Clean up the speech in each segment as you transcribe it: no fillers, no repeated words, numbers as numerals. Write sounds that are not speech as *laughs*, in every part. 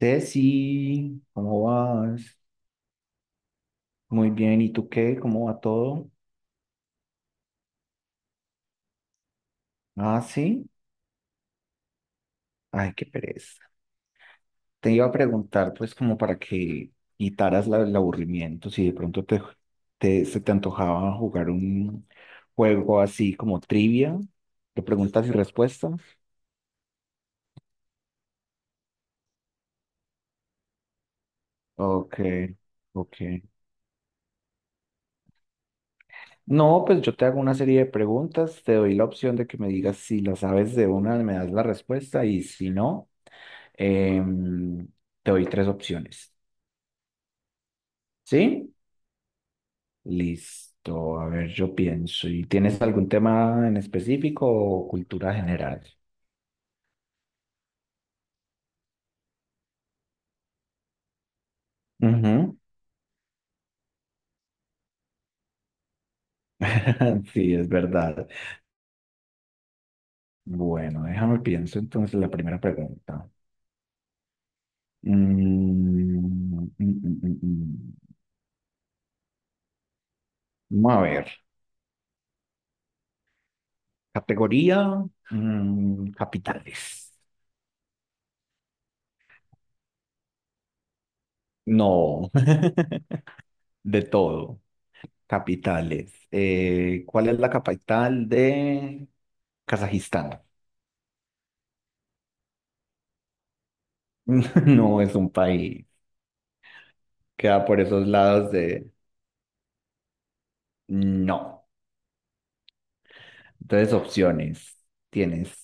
Ceci, ¿cómo vas? Muy bien, ¿y tú qué? ¿Cómo va todo? Ah, sí. Ay, qué pereza. Te iba a preguntar, pues, como para que quitaras el aburrimiento, si de pronto se te antojaba jugar un juego así como trivia, de preguntas y respuestas. Ok, ok. No, pues yo te hago una serie de preguntas, te doy la opción de que me digas si la sabes de una, me das la respuesta y si no, em, te doy tres opciones. ¿Sí? Listo. A ver, yo pienso. ¿Y tienes algún tema en específico o cultura general? Ujú. *laughs* Sí, es verdad. Bueno, déjame pienso entonces la primera pregunta. Mm, mm, mm, mm, mm. Vamos a ver. Categoría capitales. No, *laughs* de todo. Capitales. ¿Cuál es la capital de Kazajistán? *laughs* No es un país. Queda por esos lados de no. Entonces, opciones. Tienes.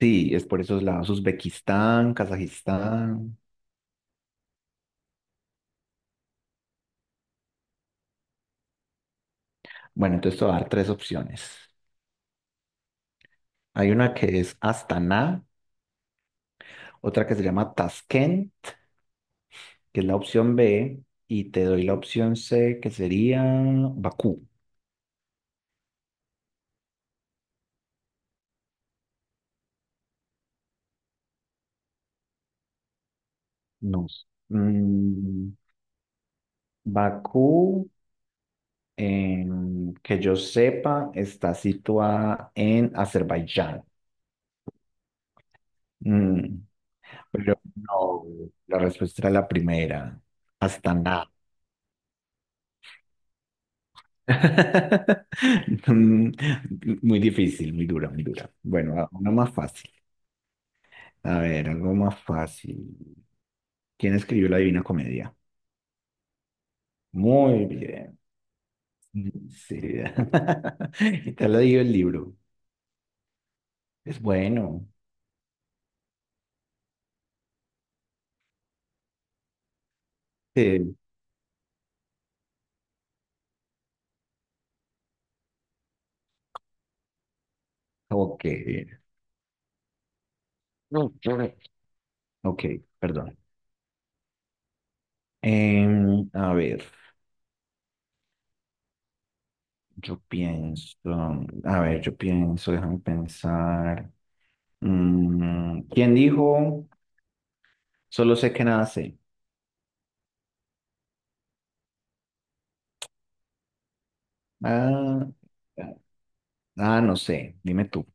Sí, es por esos lados. Uzbekistán, Kazajistán. Bueno, entonces te voy a dar tres opciones. Hay una que es Astana, otra que se llama Tashkent, que es la opción B, y te doy la opción C, que sería Bakú. No sé. Bakú, que yo sepa, está situada en Azerbaiyán. Mm, Pero no, la respuesta era la primera. Hasta nada. *laughs* Mm, Muy difícil, muy dura, muy dura. Bueno, una más fácil. A ver, algo más fácil. ¿Quién escribió la Divina Comedia? Muy bien. Sí. *laughs* Y te lo digo el libro. Es bueno. Sí. Ok. Ok, perdón. A ver, yo pienso. A ver, yo pienso, déjame pensar. ¿Quién dijo? Solo sé que nada sé. Ah, ah, no sé. Dime tú.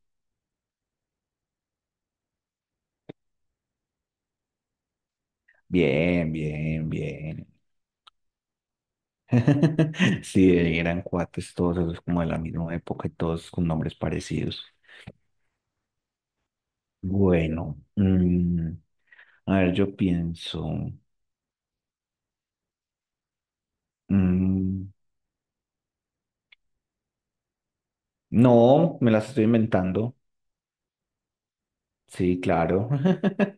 Bien, bien, bien. *laughs* Sí, eran cuates todos esos como de la misma época y todos con nombres parecidos. Bueno, a ver, yo pienso. mm, no, me las estoy inventando. Sí, claro. *laughs*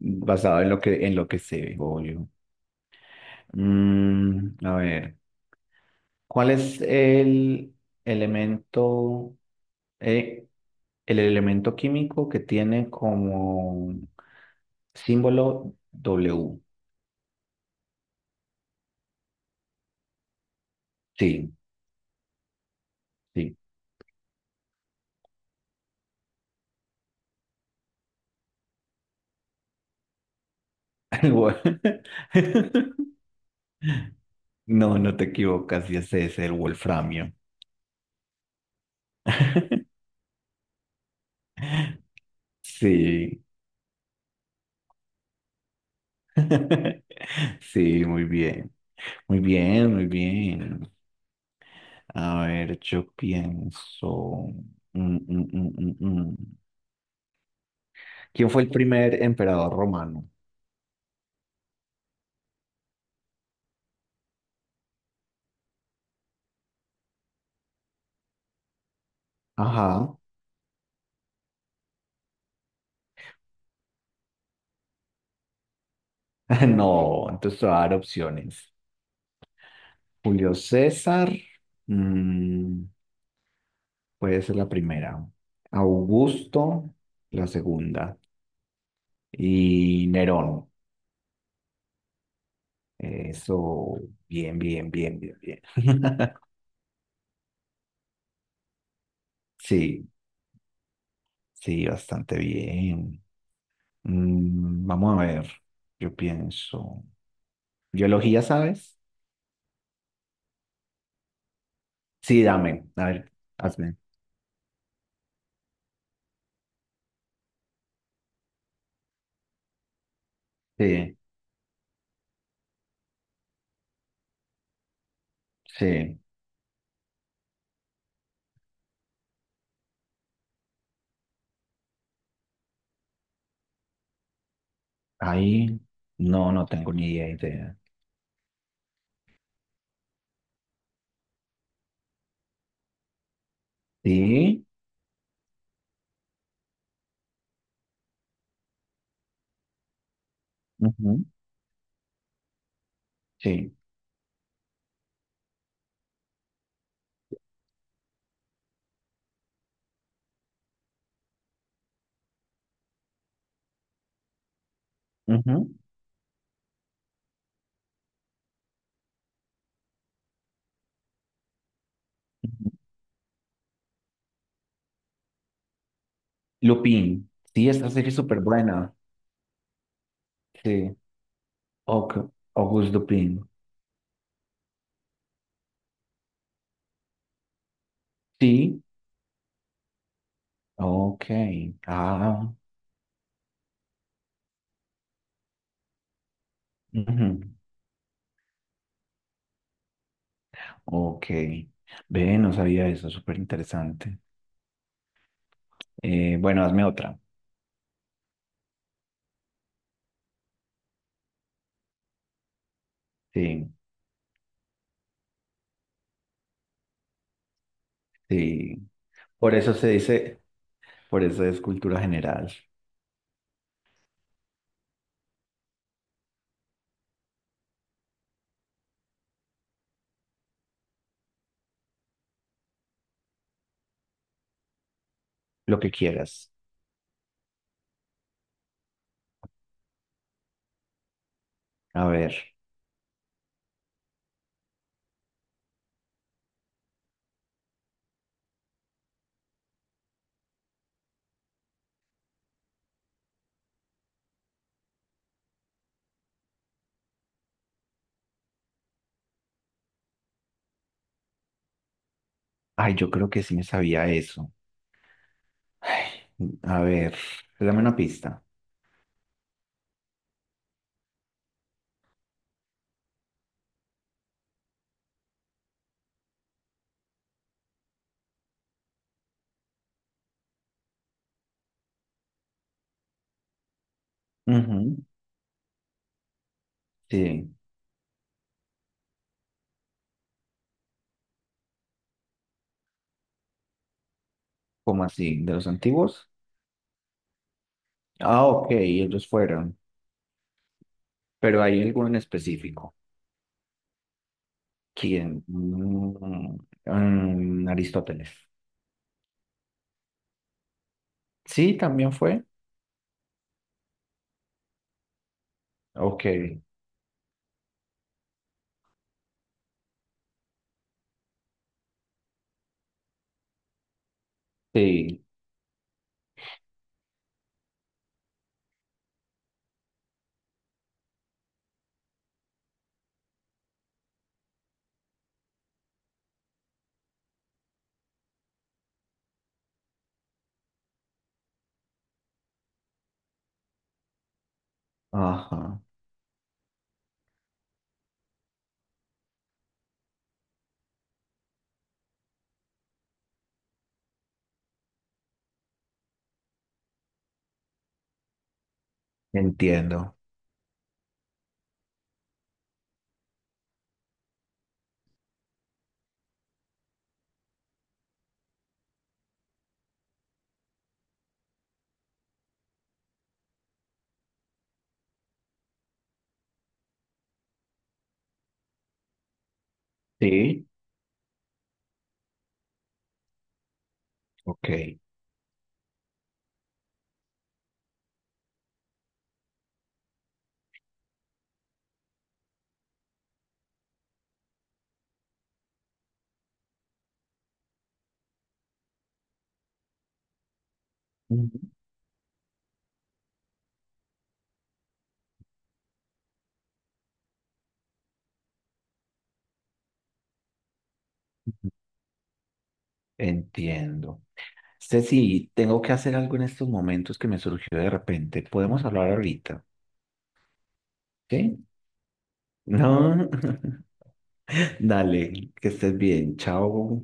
Basado en lo que sé, obvio. A ver. ¿Cuál es elemento, eh, el elemento químico que tiene como símbolo W? Sí, sí. *laughs* El *laughs* No, no te equivocas, y ese es el wolframio. Sí. *laughs* Sí, muy bien. Muy bien, muy bien. A ver, yo pienso. mm, mm, mm, mm, mm. ¿Quién fue el primer emperador romano? Ajá. *laughs* No, entonces te voy a dar opciones. Julio César, mm, puede ser la primera. Augusto, la segunda. Y Nerón. Eso, bien, bien, bien, bien, bien. *laughs* Sí, sí, bastante bien. Vamos a ver, yo pienso. ¿Biología sabes? Sí, dame, a ver, hazme. Sí, sí. Ahí no, no tengo ni idea. Sí, ujú, sí, ujú, ujú. Lupin, sí, esta serie es súper buena. Sí, ok, August Lupin. Sí, ok, ah, ujú, ok. Ve, no sabía eso, súper interesante. Bueno, hazme otra. Sí, sí. Por eso se dice, por eso es cultura general, lo que quieras. A ver, ay, yo creo que sí me sabía eso. Ay, a ver, dame una pista. Sí, ¿cómo así? ¿De los antiguos? Ah, ok, ellos fueron. Pero hay alguno en específico. ¿Quién? Aristóteles. Sí, también fue. Ok, sí. Ajá, entiendo. Sí, ok. Ujú, ujú, entiendo. Ceci, tengo que hacer algo en estos momentos que me surgió de repente. Podemos hablar ahorita, ¿sí? No. *laughs* Dale, que estés bien. Chao.